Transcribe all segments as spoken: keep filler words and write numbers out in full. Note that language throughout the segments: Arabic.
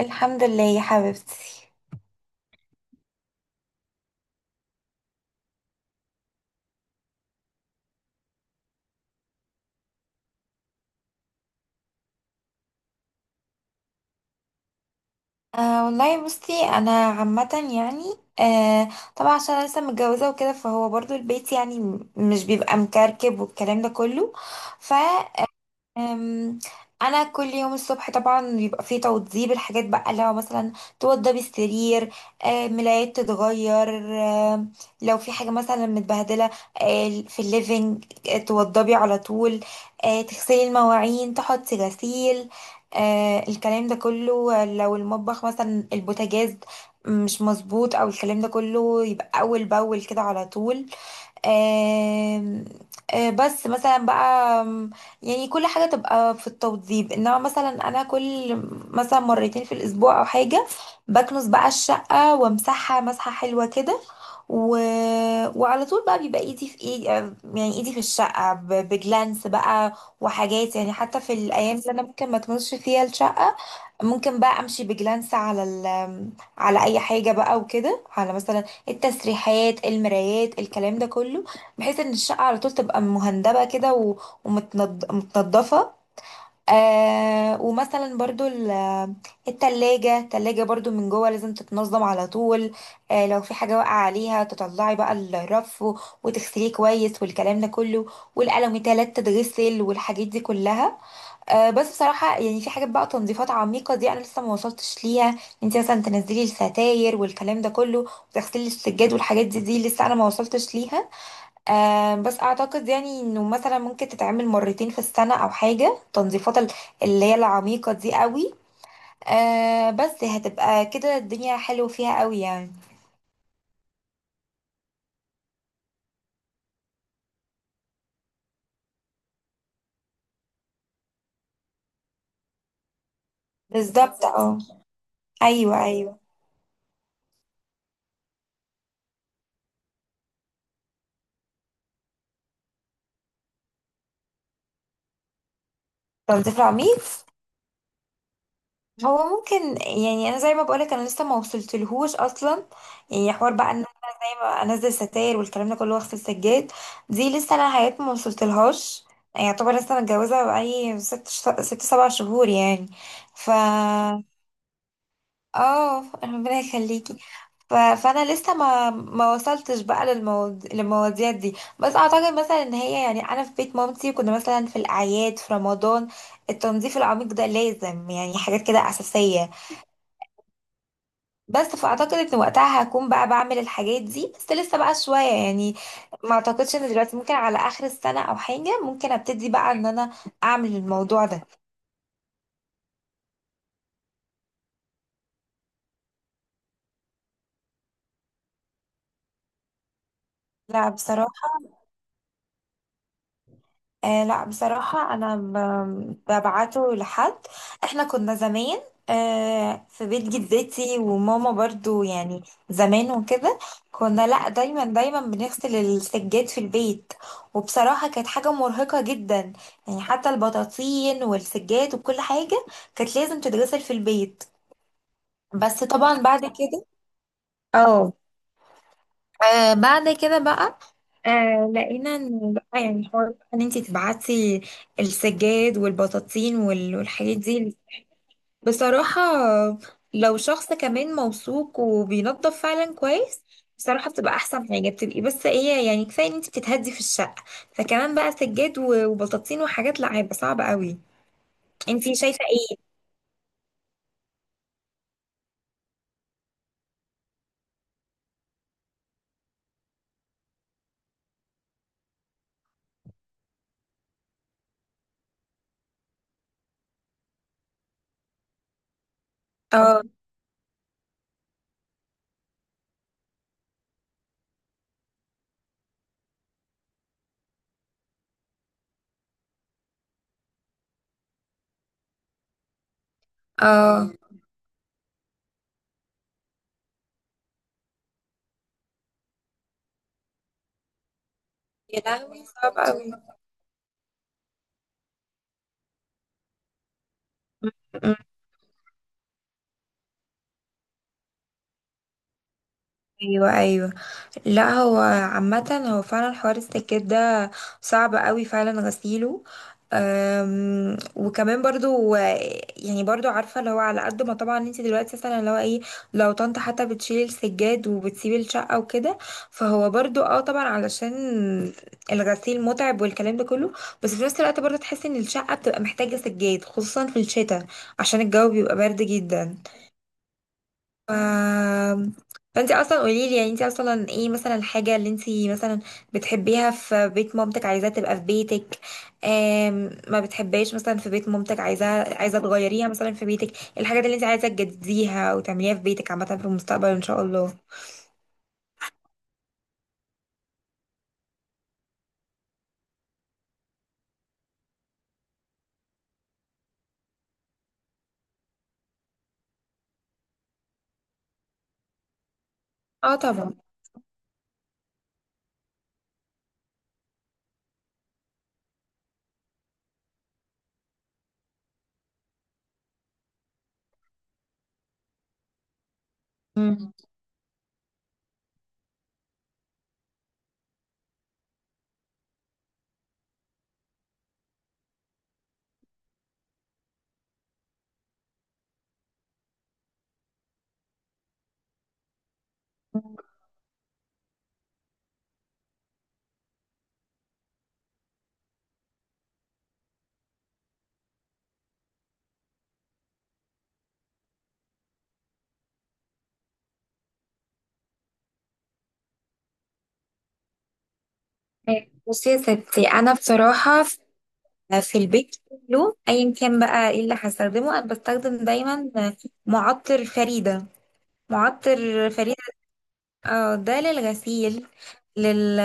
الحمد لله يا حبيبتي. آه والله، بصي، انا عامه يعني آه طبعا عشان انا لسه متجوزه وكده، فهو برضو البيت يعني م- مش بيبقى مكركب والكلام ده كله. أم، انا كل يوم الصبح طبعا بيبقى فيه توضيب الحاجات بقى. لو مثلا توضب السرير، آه، ملايات تتغير. آه، لو في حاجه مثلا متبهدله آه، في الليفينج، آه، توضبي على طول. آه، تغسلي المواعين، تحطي غسيل، آه، الكلام ده كله. آه، لو المطبخ مثلا البوتاجاز مش مظبوط او الكلام ده كله، يبقى اول باول كده على طول. آم، آه، بس مثلا بقى آم، يعني كل حاجة تبقى في التوضيب. انما مثلا انا كل مثلا مرتين في الاسبوع او حاجة بكنس بقى الشقة وامسحها مسحة حلوة كده. و... وعلى طول بقى بيبقى ايدي في ايدي، يعني ايدي في الشقة ب... بجلانس بقى. وحاجات يعني حتى في الايام اللي انا ممكن ما تمسش فيها الشقة، ممكن بقى امشي بجلانس على ال... على اي حاجة بقى، وكده على مثلا التسريحات، المرايات، الكلام ده كله، بحيث ان الشقة على طول تبقى مهندبة كده و- ومتنض- متنضفة. آه ومثلا برضو ال- التلاجة، التلاجة برضو من جوه لازم تتنظم على طول. آه لو في حاجة واقعة عليها، تطلعي بقى الرف و- وتغسليه كويس والكلام ده كله، والقلم تلات تتغسل والحاجات دي كلها. أه، بس بصراحة يعني في حاجات بقى تنظيفات عميقة دي أنا لسه ما وصلتش ليها. انت مثلا تنزلي الستاير والكلام ده كله وتغسلي السجاد والحاجات دي، دي لسه أنا ما وصلتش ليها. أه، بس أعتقد يعني إنه مثلا ممكن تتعمل مرتين في السنة أو حاجة تنظيفات ال- اللي هي العميقة دي قوي. أه، بس هتبقى كده الدنيا حلوة فيها قوي يعني. بالظبط، اه. أيوه، أيوه. تنظيف عميق. هو ممكن يعني انا زي ما بقولك، انا لسه ما وصلتلهوش اصلا. يعني حوار بقى ان انا زي ما انزل ستاير والكلام ده كله واغسل سجاد، دي لسه انا حياتي ما وصلتلهاش. يعني يعتبر لسه متجوزه بقالي ست ش- ست سبع شهور يعني. ف اه، ربنا يخليكي. ف... فانا لسه ما ما وصلتش بقى للمواض... للمواضيع دي. بس اعتقد مثلا ان هي، يعني انا في بيت مامتي كنا مثلا في الاعياد في رمضان التنظيف العميق ده لازم، يعني حاجات كده اساسيه. بس فاعتقد ان وقتها هكون بقى بعمل الحاجات دي، بس لسه بقى شويه يعني. ما اعتقدش ان دلوقتي، ممكن على اخر السنه او حاجه ممكن ابتدي بقى ان انا اعمل الموضوع ده. لا بصراحه. آه لا بصراحة أنا ب- ببعته لحد. إحنا كنا زمان آه في بيت جدتي وماما برضو، يعني زمان وكده، كنا لا، دايما دايما بنغسل السجاد في البيت. وبصراحة كانت حاجة مرهقة جدا، يعني حتى البطاطين والسجاد وكل حاجة كانت لازم تتغسل في البيت. بس طبعا بعد كده، اه. آه، بعد كده بقى آه لقينا ان بقى، يعني حوار بقى ان انتي تبعتي السجاد والبطاطين وال- والحاجات دي. بصراحة، لو شخص كمان موثوق وبينظف فعلا كويس، بصراحة بتبقى احسن حاجة. بتبقي بس ايه، يعني كفاية ان انتي بتتهدي في الشقة، فكمان بقى سجاد و- وبطاطين وحاجات، لا هيبقى صعب قوي. انتي شايفة ايه؟ اه، اه. صعب قوي. م- م- ايوه، ايوه. لا، هو عامة هو فعلا حوار السكات ده صعب قوي فعلا غسيله. أم، وكمان برضو يعني برضو عارفة، اللي هو على قد ما طبعا انت دلوقتي، مثلا اللي هو ايه، لو طنط حتى بتشيل السجاد وبتسيب الشقة وكده، فهو برضو اه طبعا علشان الغسيل متعب والكلام ده كله. بس في نفس الوقت برضو تحس ان الشقة بتبقى محتاجة سجاد، خصوصا في الشتاء، عشان الجو بيبقى برد جدا. ف... فانت اصلا قولي لي، يعني انت اصلا ايه مثلا الحاجه اللي انت مثلا بتحبيها في بيت مامتك عايزاها تبقى في بيتك؟ آم... ما بتحبهاش مثلا في بيت مامتك عايزاها، عايزه تغيريها مثلا في بيتك. الحاجات اللي انت عايزه تجدديها وتعمليها في بيتك عامه في المستقبل ان شاء الله. اه طبعا. مم. بصي يا ستي، انا بصراحه في في البيت كله، ايا كان بقى ايه اللي هستخدمه، انا بستخدم دايما معطر فريده. معطر فريده. اه، ده للغسيل، لل،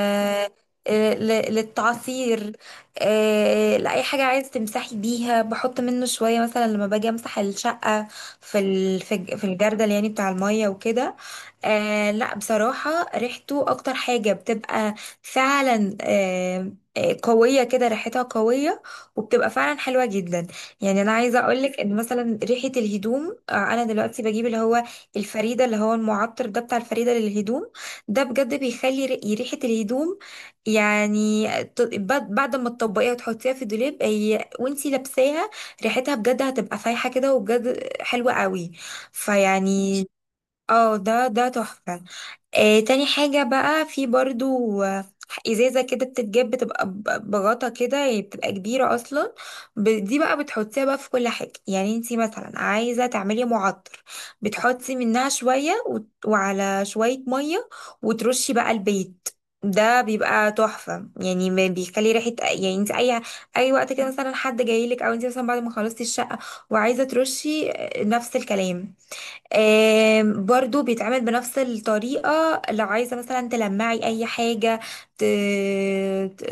آه، ل- للتعصير. آه، لأي حاجة عايز تمسحي بيها بحط منه شوية. مثلا لما باجي امسح الشقة في ال- في الج- في الجردل، يعني بتاع المية وكده. آه، لا بصراحة ريحته أكتر حاجة، بتبقى فعلا آه، آه، قوية كده، ريحتها قوية، وبتبقى فعلا حلوة جدا. يعني أنا عايزة أقولك إن مثلا ريحة الهدوم، آه، أنا دلوقتي بجيب اللي هو الفريدة، اللي هو المعطر ده بتاع الفريدة للهدوم، ده بجد بيخلي ر- ريحة الهدوم يعني ت- بعد بعد ما تطبقيها وتحطيها في الدولاب، هي وانتي لابساها ريحتها بجد هتبقى فايحة كده وبجد حلوة قوي. فيعني اه، ده ده تحفة. آه تاني حاجة بقى في برضو، آه، ازازة كده بتتجاب، بتبقى ب- بغطا كده، يعني بتبقى كبيرة اصلا. ب- دي بقى بتحطيها بقى في كل حاجة، يعني انتي مثلا عايزة تعملي معطر، بتحطي منها شوية وت- وعلى شوية مية، وترشي بقى البيت. ده بيبقى تحفة، يعني ما بيخلي ريحة. يعني انت اي اي وقت كده، مثلا حد جايلك او انت مثلا بعد ما خلصتي الشقة وعايزة ترشي، آه، نفس الكلام. آم، برضو بيتعمل بنفس الطريقة. لو عايزة مثلا تلمعي أي حاجة، ت... ت...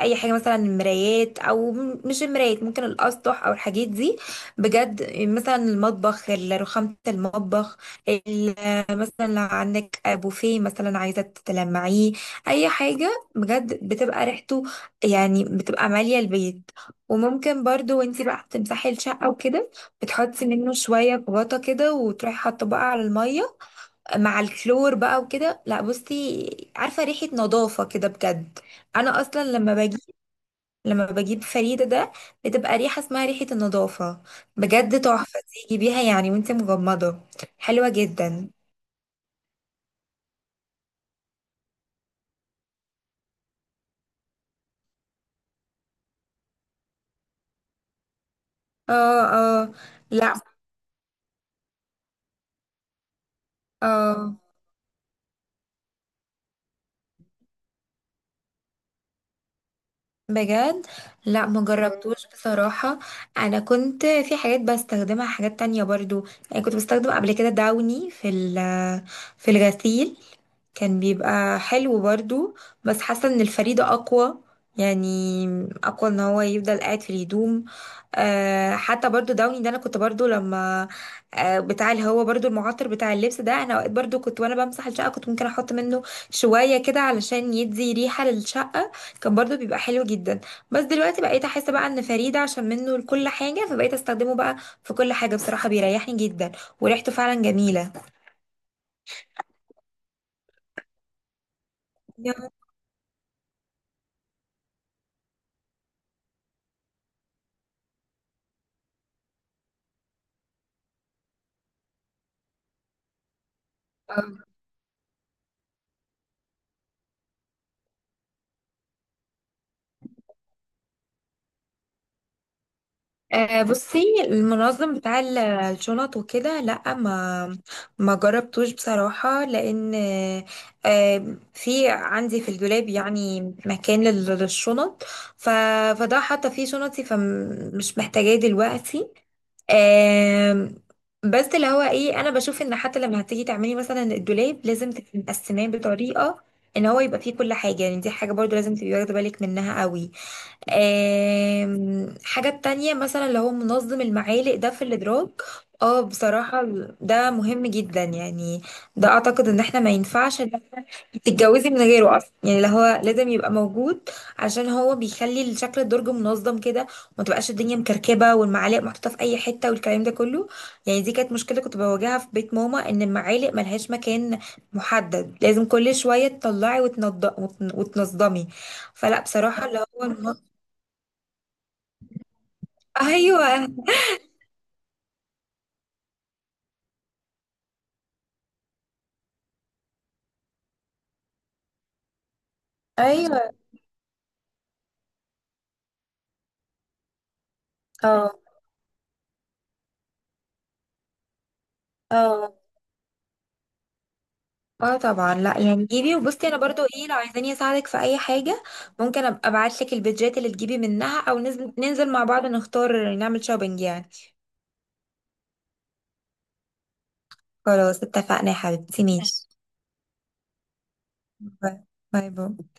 أي حاجة مثلا مرايات أو م- مش المرايات، ممكن الأسطح أو الحاجات دي. بجد مثلا المطبخ، ال- رخامة المطبخ، ال... مثلا لو عندك بوفيه مثلا عايزة تلمعيه، أي حاجة بجد بتبقى ريحته، يعني بتبقى مالية البيت. وممكن برضو وانتي بقى تمسحي الشقة وكده، بتحطي منه شوية في غطا كده وتروحي حاطه بقى على المية مع الكلور بقى وكده. لا بصي، عارفة ريحة نظافة كده بجد. أنا أصلا لما بجيب لما بجيب فريدة ده بتبقى ريحة اسمها ريحة النظافة. بجد تحفة تيجي بيها يعني وانت مغمضة. حلوة جدا. اه، اه. لا، اه بجد. لا، مم. مجربتوش بصراحة. انا كنت في حاجات بستخدمها حاجات تانية برضو. يعني كنت بستخدم قبل كده داوني في ال- في الغسيل، كان بيبقى حلو برضو. بس حاسة ان الفريدة اقوى، يعني اقوى ان هو يفضل قاعد في الهدوم. أه حتى برضو داوني ده، انا كنت برضو لما أه بتاع اللي هو برضو المعطر بتاع اللبس ده، انا اوقات برضو كنت وانا بمسح الشقة كنت ممكن احط منه شوية كده علشان يدي ريحة للشقة. كان برضو بيبقى حلو جدا. بس دلوقتي بقيت احس بقى ان فريدة عشان منه لكل حاجة، فبقيت استخدمه بقى في كل حاجة. بصراحة بيريحني جدا، وريحته فعلا جميلة. آه، بصي، المنظم بتاع ال- الشنط وكده، لا، ما ما جربتوش بصراحة. لأن آه، آه، في عندي في الدولاب يعني مكان لل- للشنط، ف- فده حاطة فيه شنطي، فمش محتاجاه دلوقتي. آم، بس اللي هو ايه، انا بشوف ان حتى لما هتيجي تعملي مثلا الدولاب، لازم تبقي مقسماه بطريقه ان هو يبقى فيه كل حاجه. يعني دي حاجه برضو لازم تبقي واخده بالك منها قوي. آم، حاجة تانية مثلا اللي هو منظم المعالق ده في الإدراك. اه بصراحة، ال- ده مهم جدا يعني. ده أعتقد إن احنا ما ينفعش إن إنتي تتجوزي من غيره أصلا، يعني اللي هو لازم يبقى موجود عشان هو بيخلي شكل الدرج منظم كده، وما تبقاش الدنيا مكركبة والمعالق محطوطة في أي حتة والكلام ده كله. يعني دي كانت مشكلة كنت بواجهها في بيت ماما، إن المعالق ملهاش مكان محدد، لازم كل شوية تطلعي وتنض... وتن- وتنظمي. فلا بصراحة اللي هو، ايوه، ايوه. اه، اه. اه طبعا، لا يعني جيبي. وبصي، انا برضو ايه، لو عايزاني اساعدك في اي حاجه، ممكن ابقى ابعت لك البيدجات اللي تجيبي منها، او ننزل، ننزل مع بعض نختار نعمل شوبينج يعني. خلاص، اتفقنا يا حبيبتي، ماشي. باي. باي، باي.